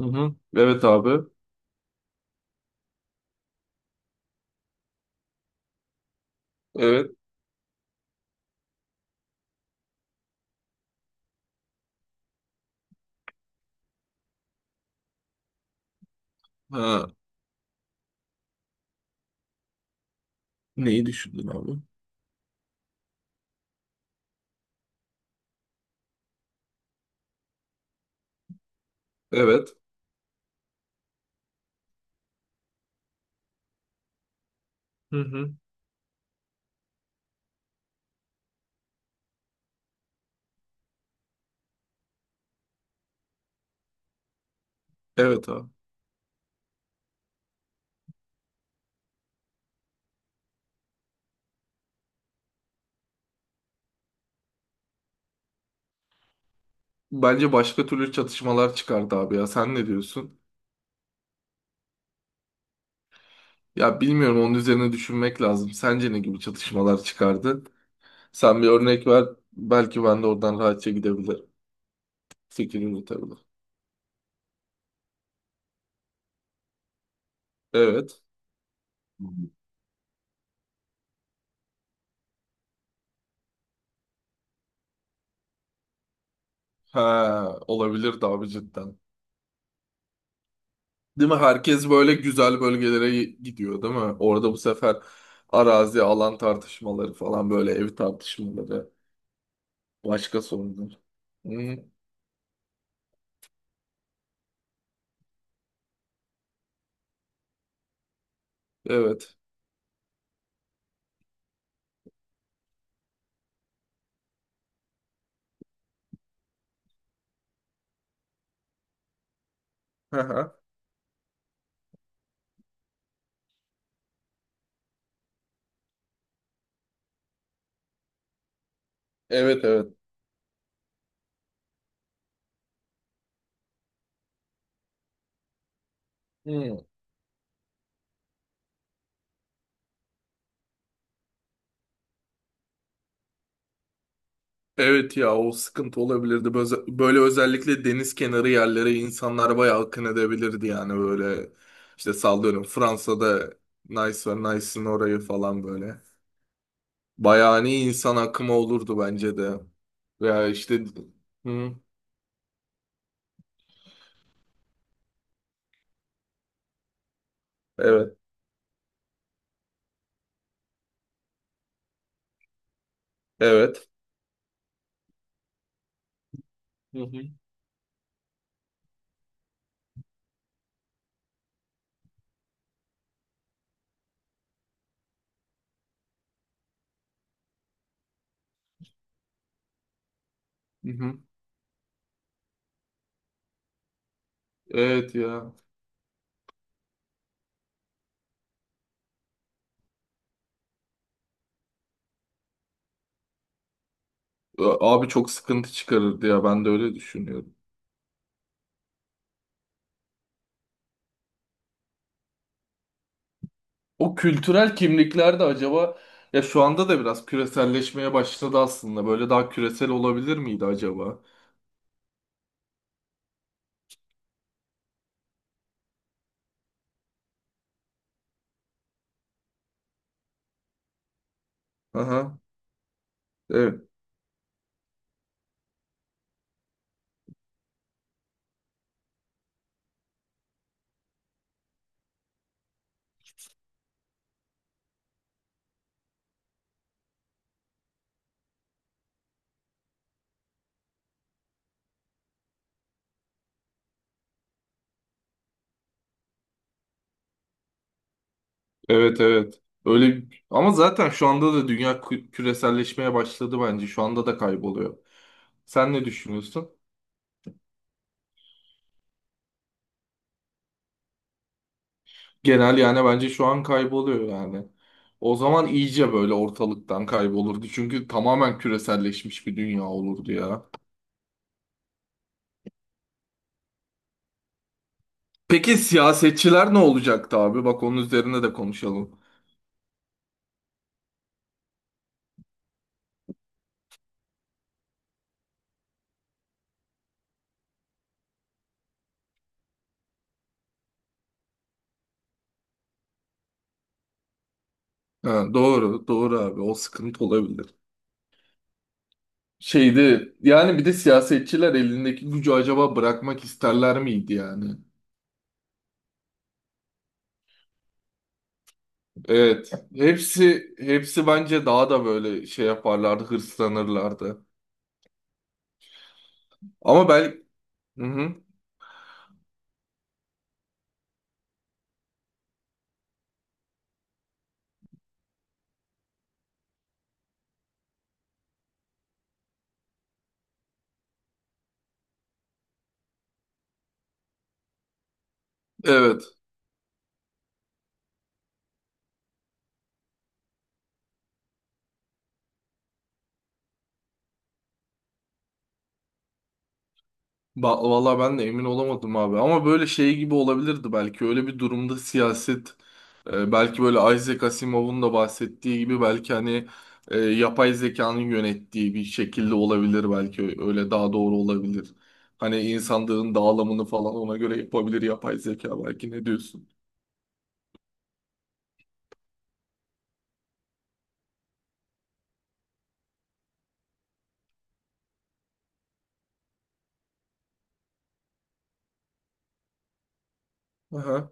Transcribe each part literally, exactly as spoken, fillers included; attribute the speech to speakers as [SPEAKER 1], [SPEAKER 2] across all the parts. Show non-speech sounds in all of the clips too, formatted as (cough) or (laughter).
[SPEAKER 1] Hı hı. Evet abi. Evet. Ha. Neyi düşündün abi? Evet. Hı hı. Evet abi. Bence başka türlü çatışmalar çıkardı abi ya. Sen ne diyorsun? Ya bilmiyorum, onun üzerine düşünmek lazım. Sence ne gibi çatışmalar çıkardı? Sen bir örnek ver. Belki ben de oradan rahatça gidebilirim. Fikrimi yürütebilirim. Evet. Ha, olabilir de abi cidden. Değil mi? Herkes böyle güzel bölgelere gidiyor değil mi? Orada bu sefer arazi, alan tartışmaları falan, böyle ev tartışmaları. Başka sorunlar. Hmm, evet. Aha, evet evet. Hmm, evet ya, o sıkıntı olabilirdi. Böyle, böyle özellikle deniz kenarı yerlere insanlar bayağı akın edebilirdi yani, böyle. İşte sallıyorum Fransa'da Nice var, Nice'ın orayı falan, böyle. Bayağı hani insan akımı olurdu bence de. Veya işte, hı, evet evet. Hı hı. Hı hı. Evet ya. Abi çok sıkıntı çıkarırdı ya, ben de öyle düşünüyorum. O kültürel kimlikler de acaba, ya şu anda da biraz küreselleşmeye başladı aslında. Böyle daha küresel olabilir miydi acaba? Aha. Evet. Evet evet. Öyle bir- ama zaten şu anda da dünya kü- küreselleşmeye başladı bence. Şu anda da kayboluyor. Sen ne düşünüyorsun? Genel yani bence şu an kayboluyor yani. O zaman iyice böyle ortalıktan kaybolurdu. Çünkü tamamen küreselleşmiş bir dünya olurdu ya. Peki siyasetçiler ne olacaktı abi? Bak onun üzerine de konuşalım. Ha, doğru, doğru abi. O sıkıntı olabilir. Şeydi yani, bir de siyasetçiler elindeki gücü acaba bırakmak isterler miydi yani? Evet. Hepsi hepsi bence daha da böyle şey yaparlardı, hırslanırlardı. Ama ben. Hı hı. Evet. Ba- Vallahi ben de emin olamadım abi. Ama böyle şey gibi olabilirdi belki. Öyle bir durumda siyaset, e, belki böyle Isaac Asimov'un da bahsettiği gibi belki hani e, yapay zekanın yönettiği bir şekilde olabilir belki. Öyle daha doğru olabilir. Hani insanlığın dağılımını falan ona göre yapabilir yapay zeka, belki ne diyorsun? Aha,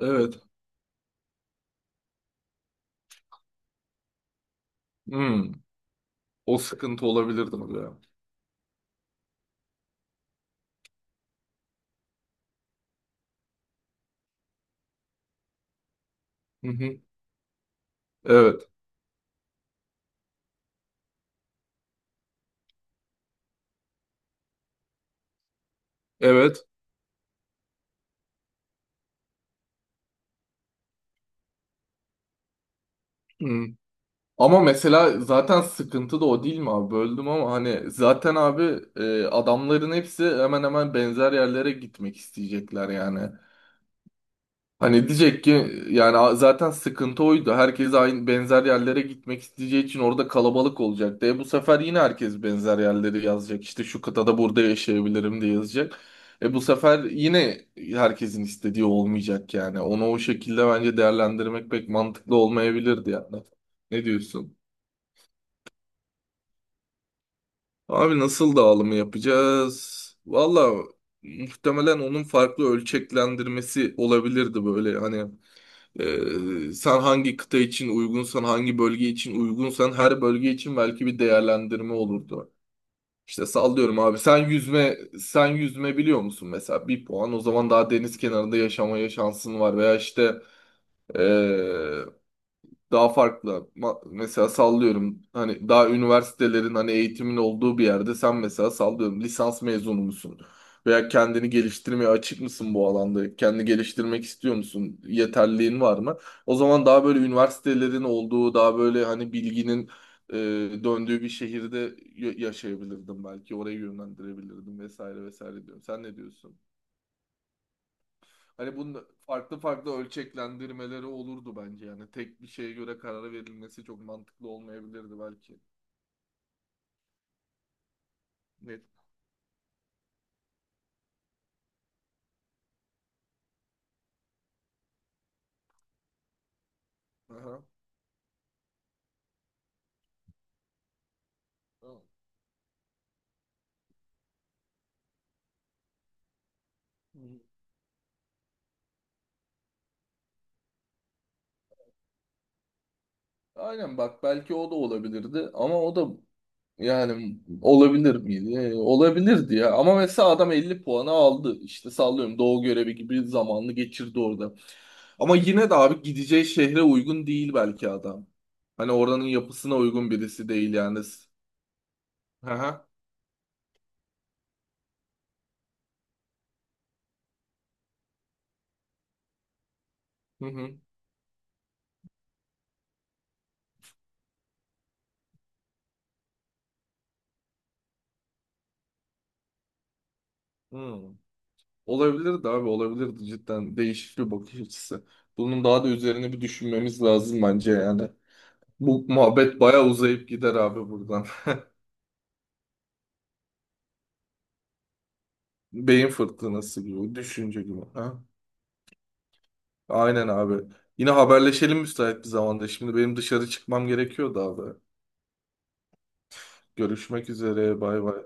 [SPEAKER 1] evet. Hmm. O sıkıntı olabilirdi tabii ya. Hı hı. Evet. Evet. Hı. Ama mesela zaten sıkıntı da o değil mi abi? Böldüm ama hani zaten abi, e, adamların hepsi hemen hemen benzer yerlere gitmek isteyecekler yani. Hani diyecek ki yani a- zaten sıkıntı oydu. Herkes aynı benzer yerlere gitmek isteyeceği için orada kalabalık olacak. E bu sefer yine herkes benzer yerleri yazacak. İşte şu kıtada burada yaşayabilirim diye yazacak. E bu sefer yine herkesin istediği olmayacak yani. Onu o şekilde bence değerlendirmek pek mantıklı olmayabilirdi yani. Ne diyorsun? Abi nasıl dağılımı yapacağız? Valla muhtemelen onun farklı ölçeklendirmesi olabilirdi, böyle hani, Ee, sen hangi kıta için uygunsan, hangi bölge için uygunsan her bölge için belki bir değerlendirme olurdu. İşte sallıyorum abi, sen yüzme sen yüzme biliyor musun mesela, bir puan, o zaman daha deniz kenarında yaşamaya şansın var veya işte, ee, daha farklı. Ma- Mesela sallıyorum hani daha üniversitelerin hani eğitimin olduğu bir yerde sen mesela sallıyorum lisans mezunu musun? Veya kendini geliştirmeye açık mısın bu alanda? Kendini geliştirmek istiyor musun? Yeterliğin var mı? O zaman daha böyle üniversitelerin olduğu, daha böyle hani bilginin e, döndüğü bir şehirde y- yaşayabilirdim belki. Oraya yönlendirebilirdim vesaire vesaire diyorum. Sen ne diyorsun? Hani bunun farklı farklı ölçeklendirmeleri olurdu bence yani. Tek bir şeye göre karar verilmesi çok mantıklı olmayabilirdi belki. Net. Aha. Tamam. Hı hı. Aynen bak, belki o da olabilirdi ama o da, yani olabilir miydi? Ee, Olabilirdi ya. Ama mesela adam elli puanı aldı. İşte sallıyorum Doğu görevi gibi zamanını geçirdi orada. Ama yine de abi gideceği şehre uygun değil belki adam. Hani oranın yapısına uygun birisi değil yani. Hı hı. Hı hı. Hı. Olabilirdi abi, olabilirdi cidden, değişik bir bakış açısı. Bunun daha da üzerine bir düşünmemiz lazım bence yani. Bu muhabbet bayağı uzayıp gider abi buradan. (laughs) Beyin fırtınası gibi, düşünce gibi. Ha? Aynen abi. Yine haberleşelim müsait bir zamanda. Şimdi benim dışarı çıkmam gerekiyordu abi. Görüşmek üzere, bay bay.